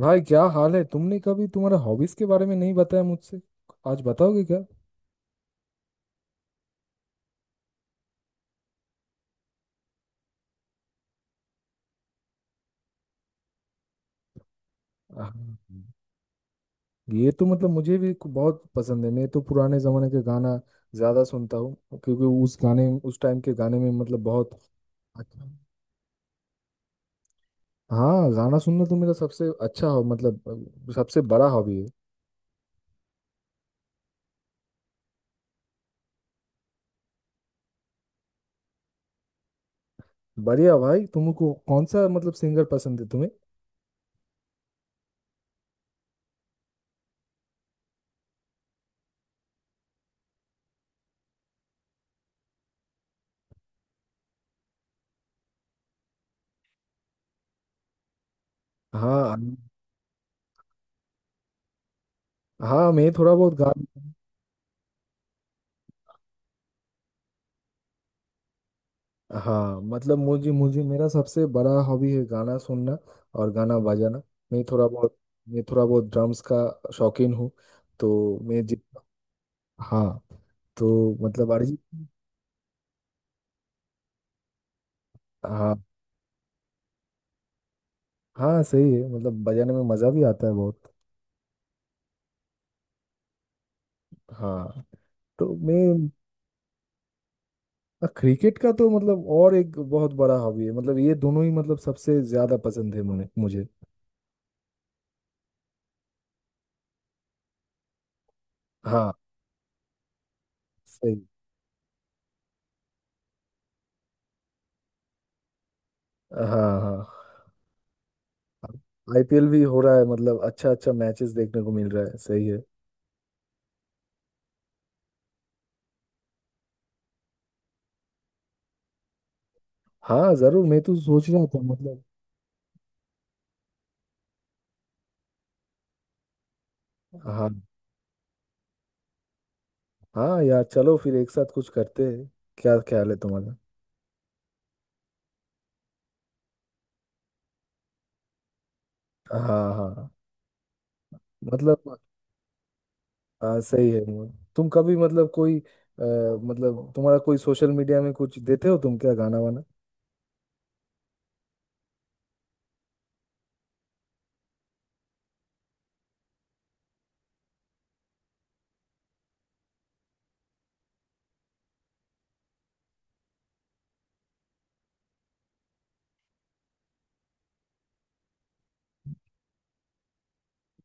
भाई क्या हाल है? तुमने कभी तुम्हारे हॉबीज के बारे में नहीं बताया मुझसे। आज बताओगे क्या? हाँ। ये तो मतलब मुझे भी बहुत पसंद है। मैं तो पुराने जमाने के गाना ज्यादा सुनता हूँ, क्योंकि उस टाइम के गाने में मतलब बहुत अच्छा। हाँ, गाना सुनना तो मेरा सबसे अच्छा हो मतलब, सबसे बड़ा हॉबी है। बढ़िया भाई, तुमको कौन सा मतलब सिंगर पसंद है तुम्हें? हाँ। हाँ मैं थोड़ा बहुत गा। हाँ मतलब मुझे मुझे मेरा सबसे बड़ा हॉबी है गाना सुनना और गाना बजाना। मैं थोड़ा बहुत, मैं थोड़ा बहुत ड्रम्स का शौकीन हूँ। तो मैं जितना, हाँ। तो मतलब हाँ हाँ सही है, मतलब बजाने में मज़ा भी आता है बहुत। हाँ तो मैं, क्रिकेट का तो मतलब और एक बहुत बड़ा हॉबी है मतलब ये दोनों ही मतलब सबसे ज़्यादा पसंद है मुझे मुझे। हाँ। सही। हाँ हाँ। आईपीएल भी हो रहा है मतलब अच्छा अच्छा मैचेस देखने को मिल रहा है, सही है। हाँ जरूर, मैं तो सोच रहा था मतलब। हाँ। हाँ यार, चलो फिर एक साथ कुछ करते हैं। क्या ख्याल है तुम्हारा? हाँ हाँ मतलब। हाँ सही है वो। तुम कभी मतलब कोई मतलब तुम्हारा कोई सोशल मीडिया में कुछ देते हो तुम? क्या गाना वाना?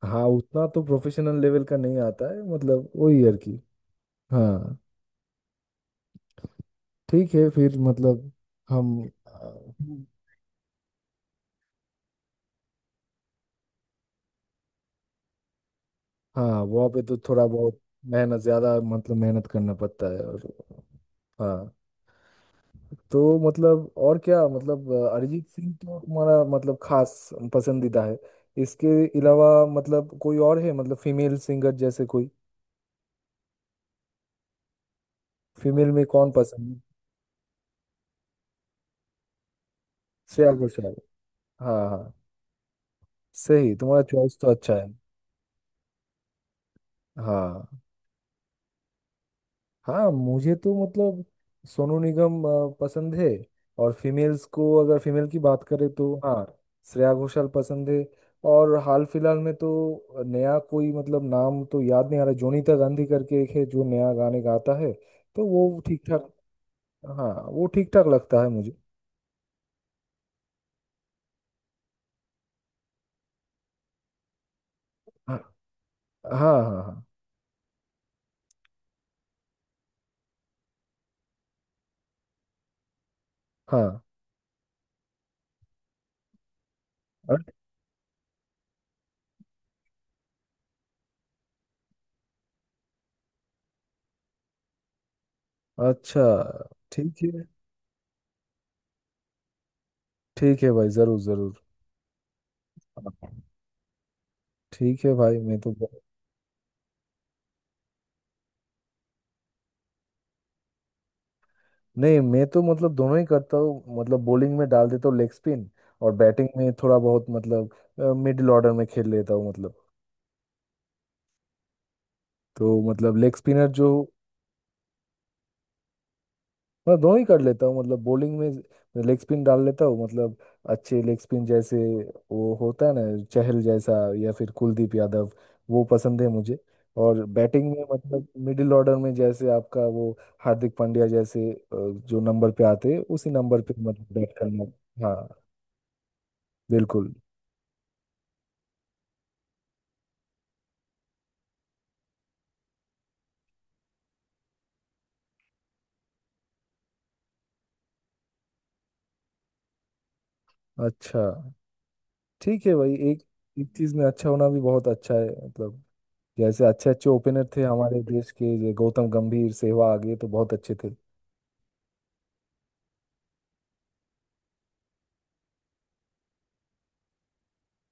हाँ उतना तो प्रोफेशनल लेवल का नहीं आता है मतलब वही यार की। हाँ ठीक है फिर मतलब। हम। अ, हाँ वहाँ पे तो थोड़ा बहुत मेहनत ज्यादा मतलब मेहनत करना पड़ता है, और हाँ। तो मतलब और क्या मतलब अरिजीत सिंह तो तुम्हारा मतलब खास पसंदीदा है। इसके अलावा मतलब कोई और है मतलब फीमेल सिंगर जैसे कोई? फीमेल में कौन पसंद है? श्रेया घोषाल। हाँ हाँ। सही, तुम्हारा चॉइस तो अच्छा है। हाँ। हाँ मुझे तो मतलब सोनू निगम पसंद है। और फीमेल्स को अगर फीमेल की बात करें तो हाँ श्रेया घोषाल पसंद है। और हाल फिलहाल में तो नया कोई मतलब नाम तो याद नहीं आ रहा, जोनीता गांधी करके एक है जो नया गाने गाता है। तो वो ठीक ठाक। हाँ वो ठीक ठाक लगता है मुझे। हाँ हाँ। हाँ हाँ। हाँ अच्छा। ठीक है। ठीक है भाई, जरूर जरूर। हाँ, ठीक है भाई मैं तो। नहीं मैं तो मतलब दोनों ही करता हूँ मतलब बॉलिंग में डाल देता हूँ लेग स्पिन, और बैटिंग में थोड़ा बहुत मतलब मिडिल ऑर्डर में खेल लेता हूँ मतलब। तो मतलब लेग स्पिनर जो, मैं दोनों ही कर लेता हूँ मतलब बॉलिंग में लेग स्पिन डाल लेता हूँ मतलब, अच्छे लेग स्पिन जैसे वो होता है ना चहल जैसा या फिर कुलदीप यादव, वो पसंद है मुझे। और बैटिंग में मतलब मिडिल ऑर्डर में जैसे आपका वो हार्दिक पांड्या जैसे जो नंबर पे आते हैं उसी नंबर पे मतलब बैट करना। हाँ बिल्कुल। अच्छा ठीक है भाई, एक एक चीज में अच्छा होना भी बहुत अच्छा है मतलब। जैसे अच्छे अच्छे ओपनर थे हमारे देश के, ये गौतम गंभीर, सहवाग, ये तो बहुत अच्छे थे।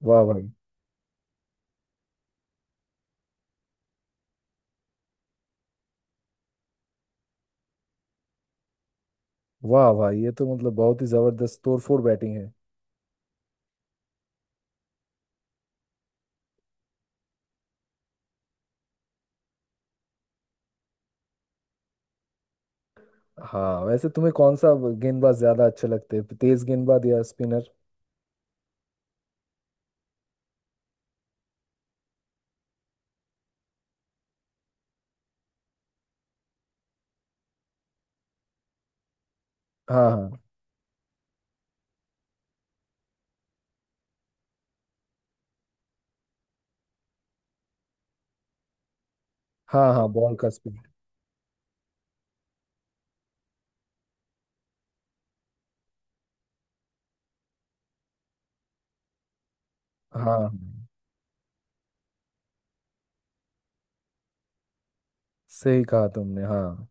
वाह भाई। वाह भाई, ये तो मतलब बहुत ही जबरदस्त तोड़फोड़ बैटिंग है। हाँ वैसे तुम्हें कौन सा गेंदबाज ज्यादा अच्छे लगते हैं, तेज गेंदबाज या स्पिनर? हाँ हाँ। हाँ हाँ बॉल का स्पिन। हाँ हाँ, सही कहा तुमने। हाँ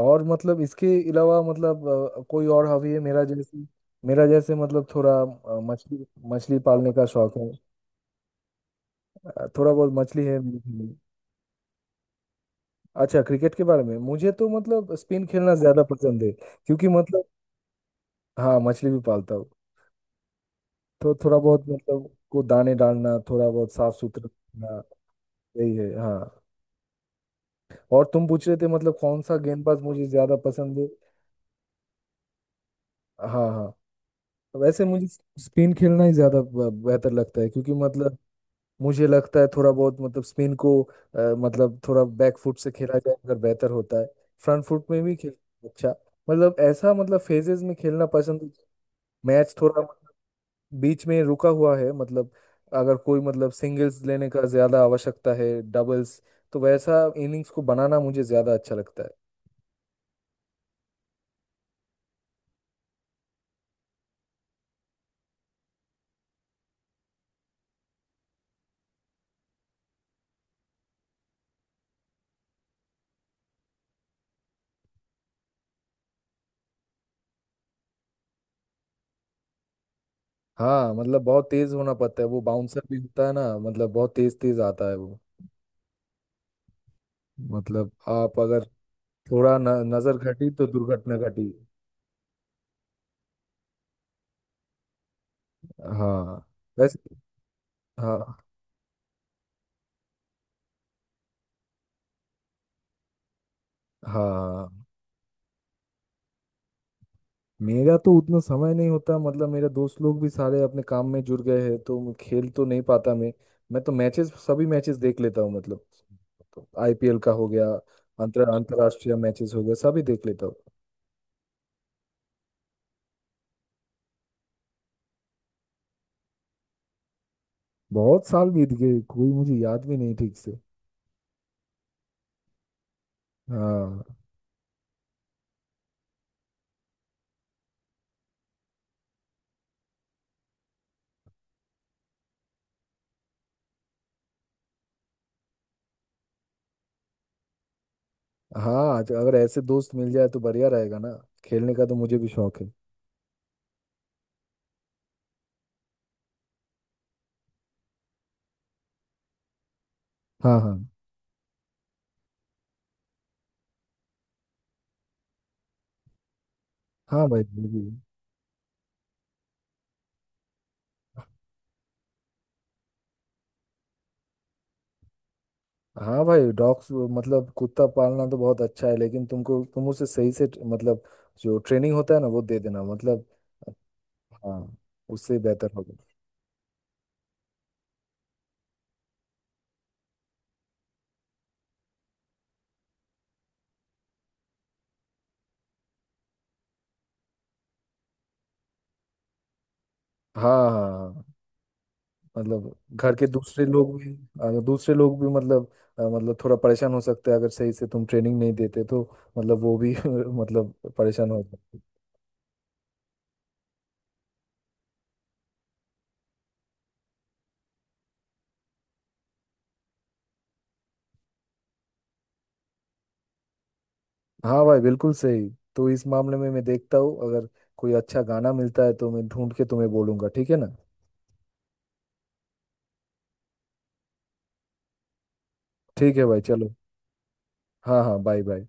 और मतलब इसके अलावा मतलब कोई और हॉबी है मेरा जैसे, मेरा जैसे मतलब थोड़ा मछली, मछली पालने का शौक है। थोड़ा बहुत मछली है मेरे घर में। अच्छा, क्रिकेट के बारे में मुझे तो मतलब स्पिन खेलना ज्यादा पसंद है क्योंकि मतलब। हाँ मछली भी पालता हूँ। तो थोड़ा बहुत मतलब को दाने डालना, थोड़ा बहुत साफ सुथरा रखना, यही है हाँ। और तुम पूछ रहे थे मतलब कौन सा गेंदबाज मुझे ज्यादा पसंद है। हाँ हाँ। वैसे मुझे स्पिन खेलना ही ज्यादा बेहतर लगता है, क्योंकि मतलब मुझे लगता है थोड़ा बहुत मतलब स्पिन को मतलब थोड़ा बैक फुट से खेला जाए अगर बेहतर होता है। फ्रंट फुट में भी खेल। अच्छा मतलब ऐसा मतलब फेजेस में खेलना पसंद, मैच थोड़ा मतलब बीच में रुका हुआ है मतलब। अगर कोई मतलब सिंगल्स लेने का ज्यादा आवश्यकता है, डबल्स, तो वैसा इनिंग्स को बनाना मुझे ज्यादा अच्छा लगता है। हाँ मतलब बहुत तेज होना पड़ता है, वो बाउंसर भी होता है ना। मतलब बहुत तेज तेज आता है वो, मतलब आप अगर थोड़ा न, नजर घटी तो दुर्घटना घटी। हाँ। वैसे। हाँ हाँ। मेरा तो उतना समय नहीं होता मतलब, मेरे दोस्त लोग भी सारे अपने काम में जुड़ गए हैं, तो मैं खेल तो नहीं पाता मैं। मैं तो मैचेस सभी मैचेस देख लेता हूँ मतलब। तो आईपीएल का हो गया, अंतरराष्ट्रीय मैचेस हो गया, सभी देख लेता हूँ। बहुत साल बीत गए, कोई मुझे याद भी नहीं ठीक से। हाँ। हाँ आज अगर ऐसे दोस्त मिल जाए तो बढ़िया रहेगा ना, खेलने का तो मुझे भी शौक है। हाँ हाँ। हाँ भाई मुझे भी। हाँ भाई डॉग्स मतलब कुत्ता पालना तो बहुत अच्छा है, लेकिन तुमको तुम उसे सही से मतलब जो ट्रेनिंग होता है ना वो दे देना मतलब, हाँ, उससे बेहतर होगा। हाँ हाँ हाँ, मतलब घर के दूसरे लोग भी दूसरे लोग भी मतलब मतलब थोड़ा परेशान हो सकते हैं अगर सही से तुम ट्रेनिंग नहीं देते तो। मतलब वो भी मतलब परेशान हो सकते हैं। हाँ भाई बिल्कुल सही। तो इस मामले में मैं देखता हूँ, अगर कोई अच्छा गाना मिलता है तो मैं ढूंढ के तुम्हें बोलूंगा, ठीक है ना। ठीक है भाई चलो। हाँ हाँ, बाय बाय।